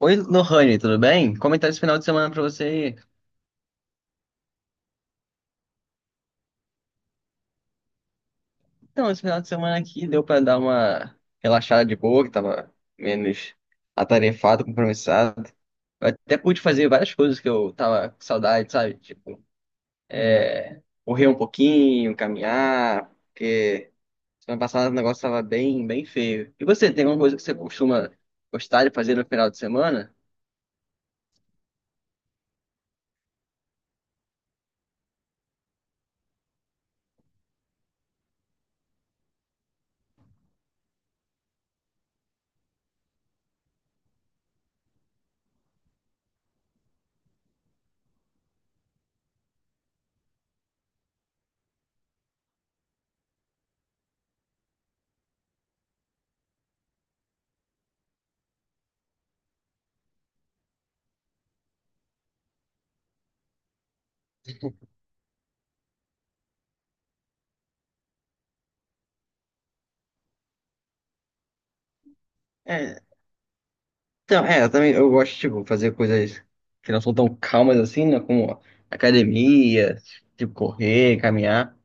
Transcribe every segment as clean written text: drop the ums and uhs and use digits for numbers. Oi, Lohane, tudo bem? Comentário esse final de semana pra você. Então, esse final de semana aqui deu pra dar uma relaxada de boa, que tava menos atarefado, compromissado. Eu até pude fazer várias coisas que eu tava com saudade, sabe? Tipo, é, correr um pouquinho, caminhar, porque semana passada o negócio tava bem, bem feio. E você, tem alguma coisa que você costuma gostar de fazer no final de semana? É, Então, eu também eu gosto, tipo, fazer coisas que não são tão calmas assim, né? Como academia, tipo, correr, caminhar.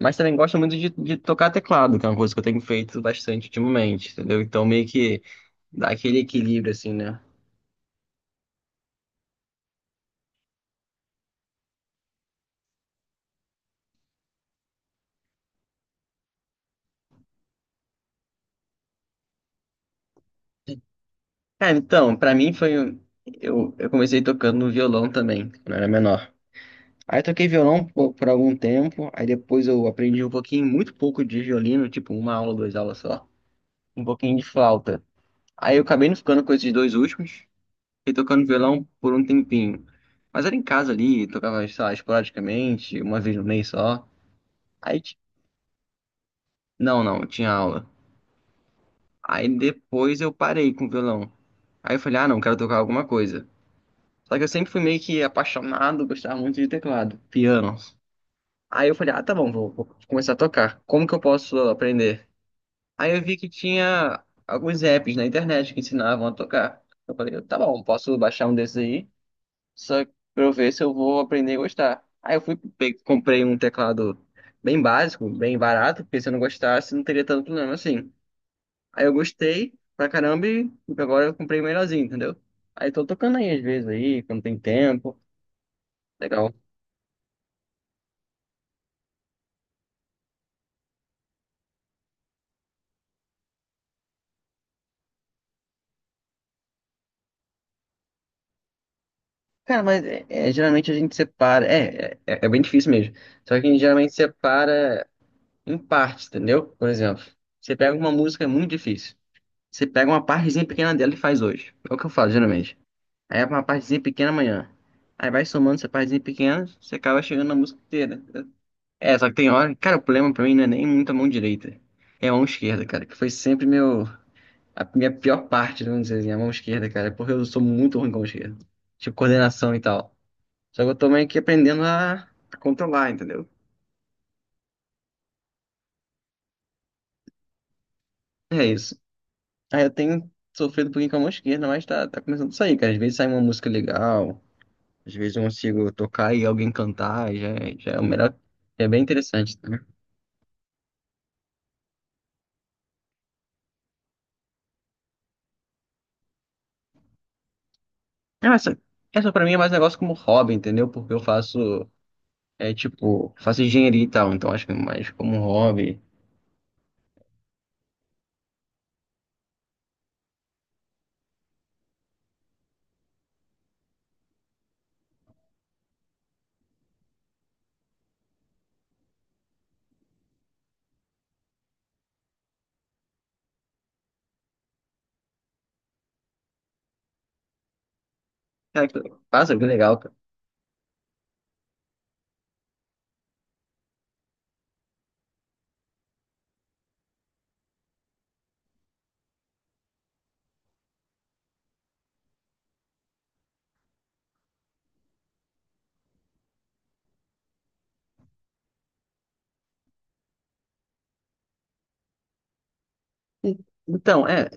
Mas também gosto muito de tocar teclado, que é uma coisa que eu tenho feito bastante ultimamente, entendeu? Então, meio que dá aquele equilíbrio, assim, né? Cara, então, pra mim foi. Eu comecei tocando violão também, quando eu era menor. Aí eu toquei violão por algum tempo, aí depois eu aprendi um pouquinho, muito pouco de violino, tipo uma aula, duas aulas só. Um pouquinho de flauta. Aí eu acabei não ficando com esses dois últimos e tocando violão por um tempinho. Mas era em casa ali, tocava, sei lá, esporadicamente, uma vez no mês só. Aí, não, não, tinha aula. Aí depois eu parei com o violão. Aí eu falei, ah, não, quero tocar alguma coisa. Só que eu sempre fui meio que apaixonado, gostava muito de teclado, piano. Aí eu falei, ah, tá bom, vou começar a tocar. Como que eu posso aprender? Aí eu vi que tinha alguns apps na internet que ensinavam a tocar. Eu falei, tá bom, posso baixar um desses aí. Só pra eu ver se eu vou aprender a gostar. Aí eu fui, comprei um teclado bem básico, bem barato, porque se eu não gostasse, não teria tanto problema assim. Aí eu gostei pra caramba e agora eu comprei o melhorzinho, entendeu? Aí tô tocando aí às vezes aí, quando tem tempo. Legal. Cara, mas geralmente a gente separa. É bem difícil mesmo. Só que a gente geralmente separa em partes, entendeu? Por exemplo, você pega uma música, é muito difícil. Você pega uma partezinha pequena dela e faz hoje. É o que eu faço geralmente. Aí é uma partezinha pequena amanhã. Aí vai somando essa partezinha pequena, você acaba chegando na música inteira. É, só que tem hora. Cara, o problema pra mim não é nem muito a mão direita. É a mão esquerda, cara, que foi sempre meu, a minha pior parte, vamos dizer assim, a mão esquerda, cara, porque eu sou muito ruim com a mão esquerda. Tipo, coordenação e tal. Só que eu tô meio que aprendendo a controlar, entendeu? É isso. Aí eu tenho sofrido um pouquinho com a mão esquerda, mas tá começando a sair, cara. Às vezes sai uma música legal, às vezes eu consigo tocar e alguém cantar, e já, já é o melhor. É bem interessante, tá? Ah, essa pra mim é mais um negócio como hobby, entendeu? Porque eu faço, tipo, faço engenharia e tal, então acho que é mais como um hobby. Cara, passa, que legal, cara. E- Então,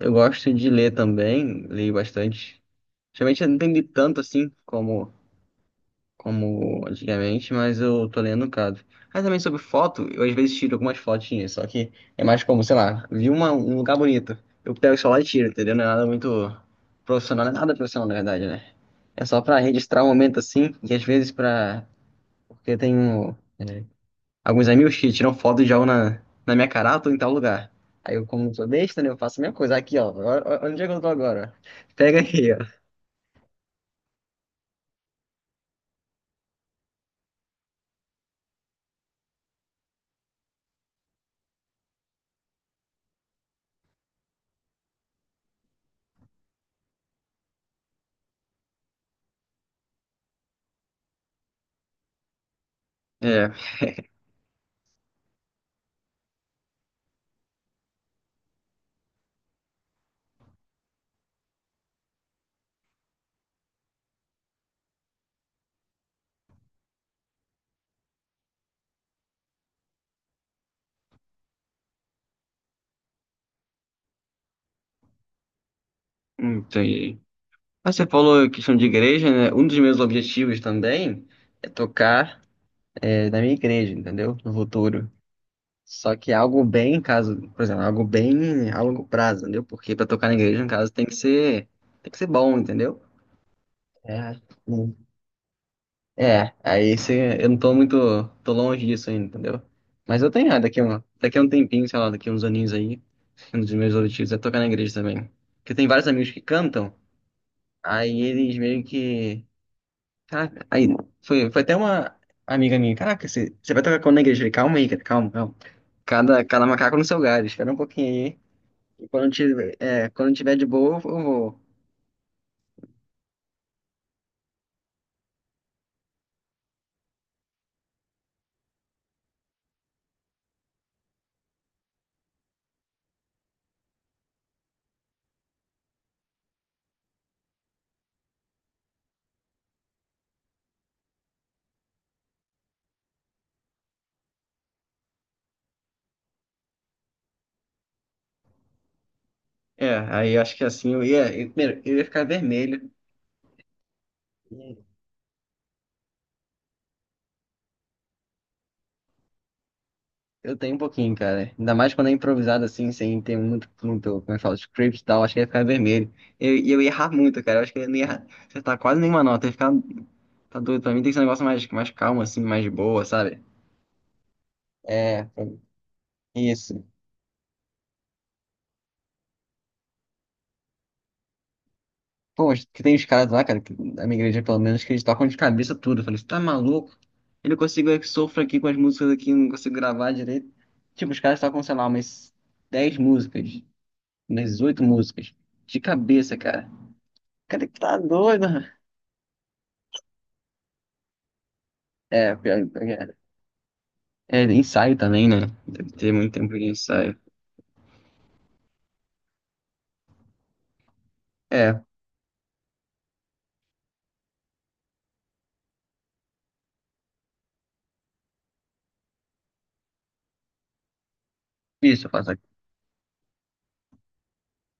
eu gosto de ler também, leio bastante. Geralmente eu não tenho lido tanto assim como antigamente, mas eu tô lendo um bocado. Aí também sobre foto, eu às vezes tiro algumas fotinhas, só que é mais como, sei lá, vi um lugar bonito, eu pego o celular e tiro, entendeu? Não é nada muito profissional, não é nada profissional na verdade, né? É só pra registrar um momento assim, e às vezes pra. Porque eu tenho é, alguns amigos que tiram foto de algo na minha carata ou em tal lugar. Aí eu, como não sou besta, né, eu faço a mesma coisa. Aqui, ó, onde é que eu tô agora? Pega aqui, ó. É, entendi. Mas você falou questão de igreja, né? Um dos meus objetivos também é tocar na minha igreja, entendeu? No futuro. Só que algo bem, caso, por exemplo, algo bem a longo prazo, entendeu? Porque pra tocar na igreja, no caso, tem que ser bom, entendeu? É, hum. Aí eu não tô longe disso ainda, entendeu? Mas eu tenho, ah, daqui a um tempinho, sei lá, daqui a uns aninhos aí, um dos meus objetivos é tocar na igreja também. Porque tem vários amigos que cantam, aí eles meio que. Caraca, aí foi até uma amiga minha, caraca, você vai tocar com o negro? Eu falei, calma aí, cara, calma, calma. Cada, cada macaco no seu galho, espera um pouquinho aí. E quando tiver de boa, eu vou. É, aí eu acho que assim eu ia. Primeiro, eu ia ficar vermelho. E Eu tenho um pouquinho, cara. Ainda mais quando é improvisado assim, sem ter muito, muito, como é que fala, script e tal, acho que ia ficar vermelho. E eu ia errar muito, cara. Eu acho que eu não ia errar. Você tá quase nenhuma nota, eu ia ficar. Tá doido, pra mim tem que ser um negócio mais calmo, assim, mais de boa, sabe? É, isso. Pô, mas que tem os caras lá, cara, que, da minha igreja pelo menos, que eles tocam de cabeça tudo. Eu falei, você tá maluco? Ele não consigo, que sofro aqui com as músicas aqui, eu não consigo gravar direito. Tipo, os caras tocam, sei lá, umas 10 músicas, umas 8 músicas, de cabeça, cara. Cara, que tá doido. É, pior, pior que é. É, ensaio também, né? Deve ter muito tempo de ensaio. É, isso eu faço aqui.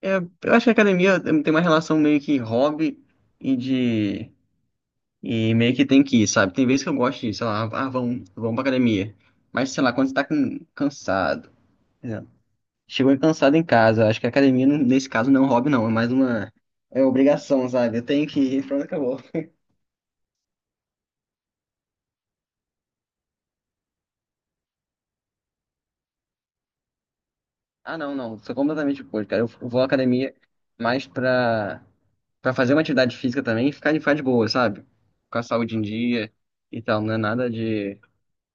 É, eu acho que a academia tem uma relação meio que hobby e de E meio que tem que ir, sabe? Tem vezes que eu gosto de, sei lá, ah, vamos pra academia. Mas, sei lá, quando você tá cansado, né? Chegou cansado em casa, acho que a academia, nesse caso, não é um hobby, não, é mais uma, é obrigação, sabe? Eu tenho que ir, pronto, acabou. Ah, não, não, sou completamente oposto, cara. Eu vou à academia mais pra fazer uma atividade física também e ficar de boa, sabe? Com a saúde em dia e tal, não é nada de.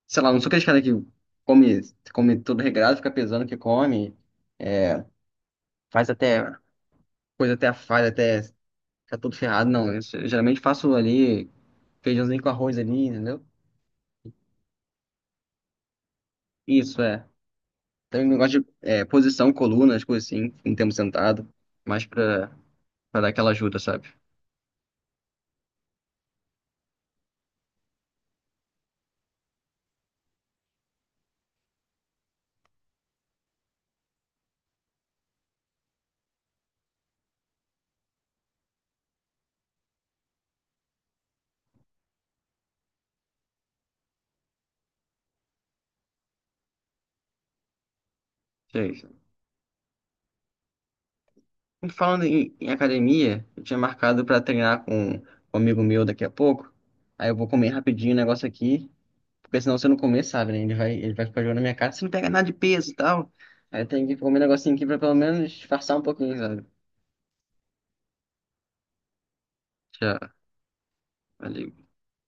Sei lá, não sou aquele cara que come, tudo regrado, fica pesando o que come, é, faz até. Coisa até a falha, até ficar tudo ferrado, não. Eu geralmente faço ali feijãozinho com arroz ali, entendeu? Isso, é. Tem um negócio de posição, coluna, as coisas assim, um tempo sentado, mais pra dar aquela ajuda, sabe? Que é isso. E falando em academia, eu tinha marcado pra treinar com um amigo meu daqui a pouco. Aí eu vou comer rapidinho o negócio aqui, porque senão se eu não comer, sabe, né? Ele vai ficar jogando na minha cara, você não pega nada de peso e tal. Aí tem que comer um negocinho aqui pra pelo menos disfarçar um pouquinho, sabe? Já, valeu.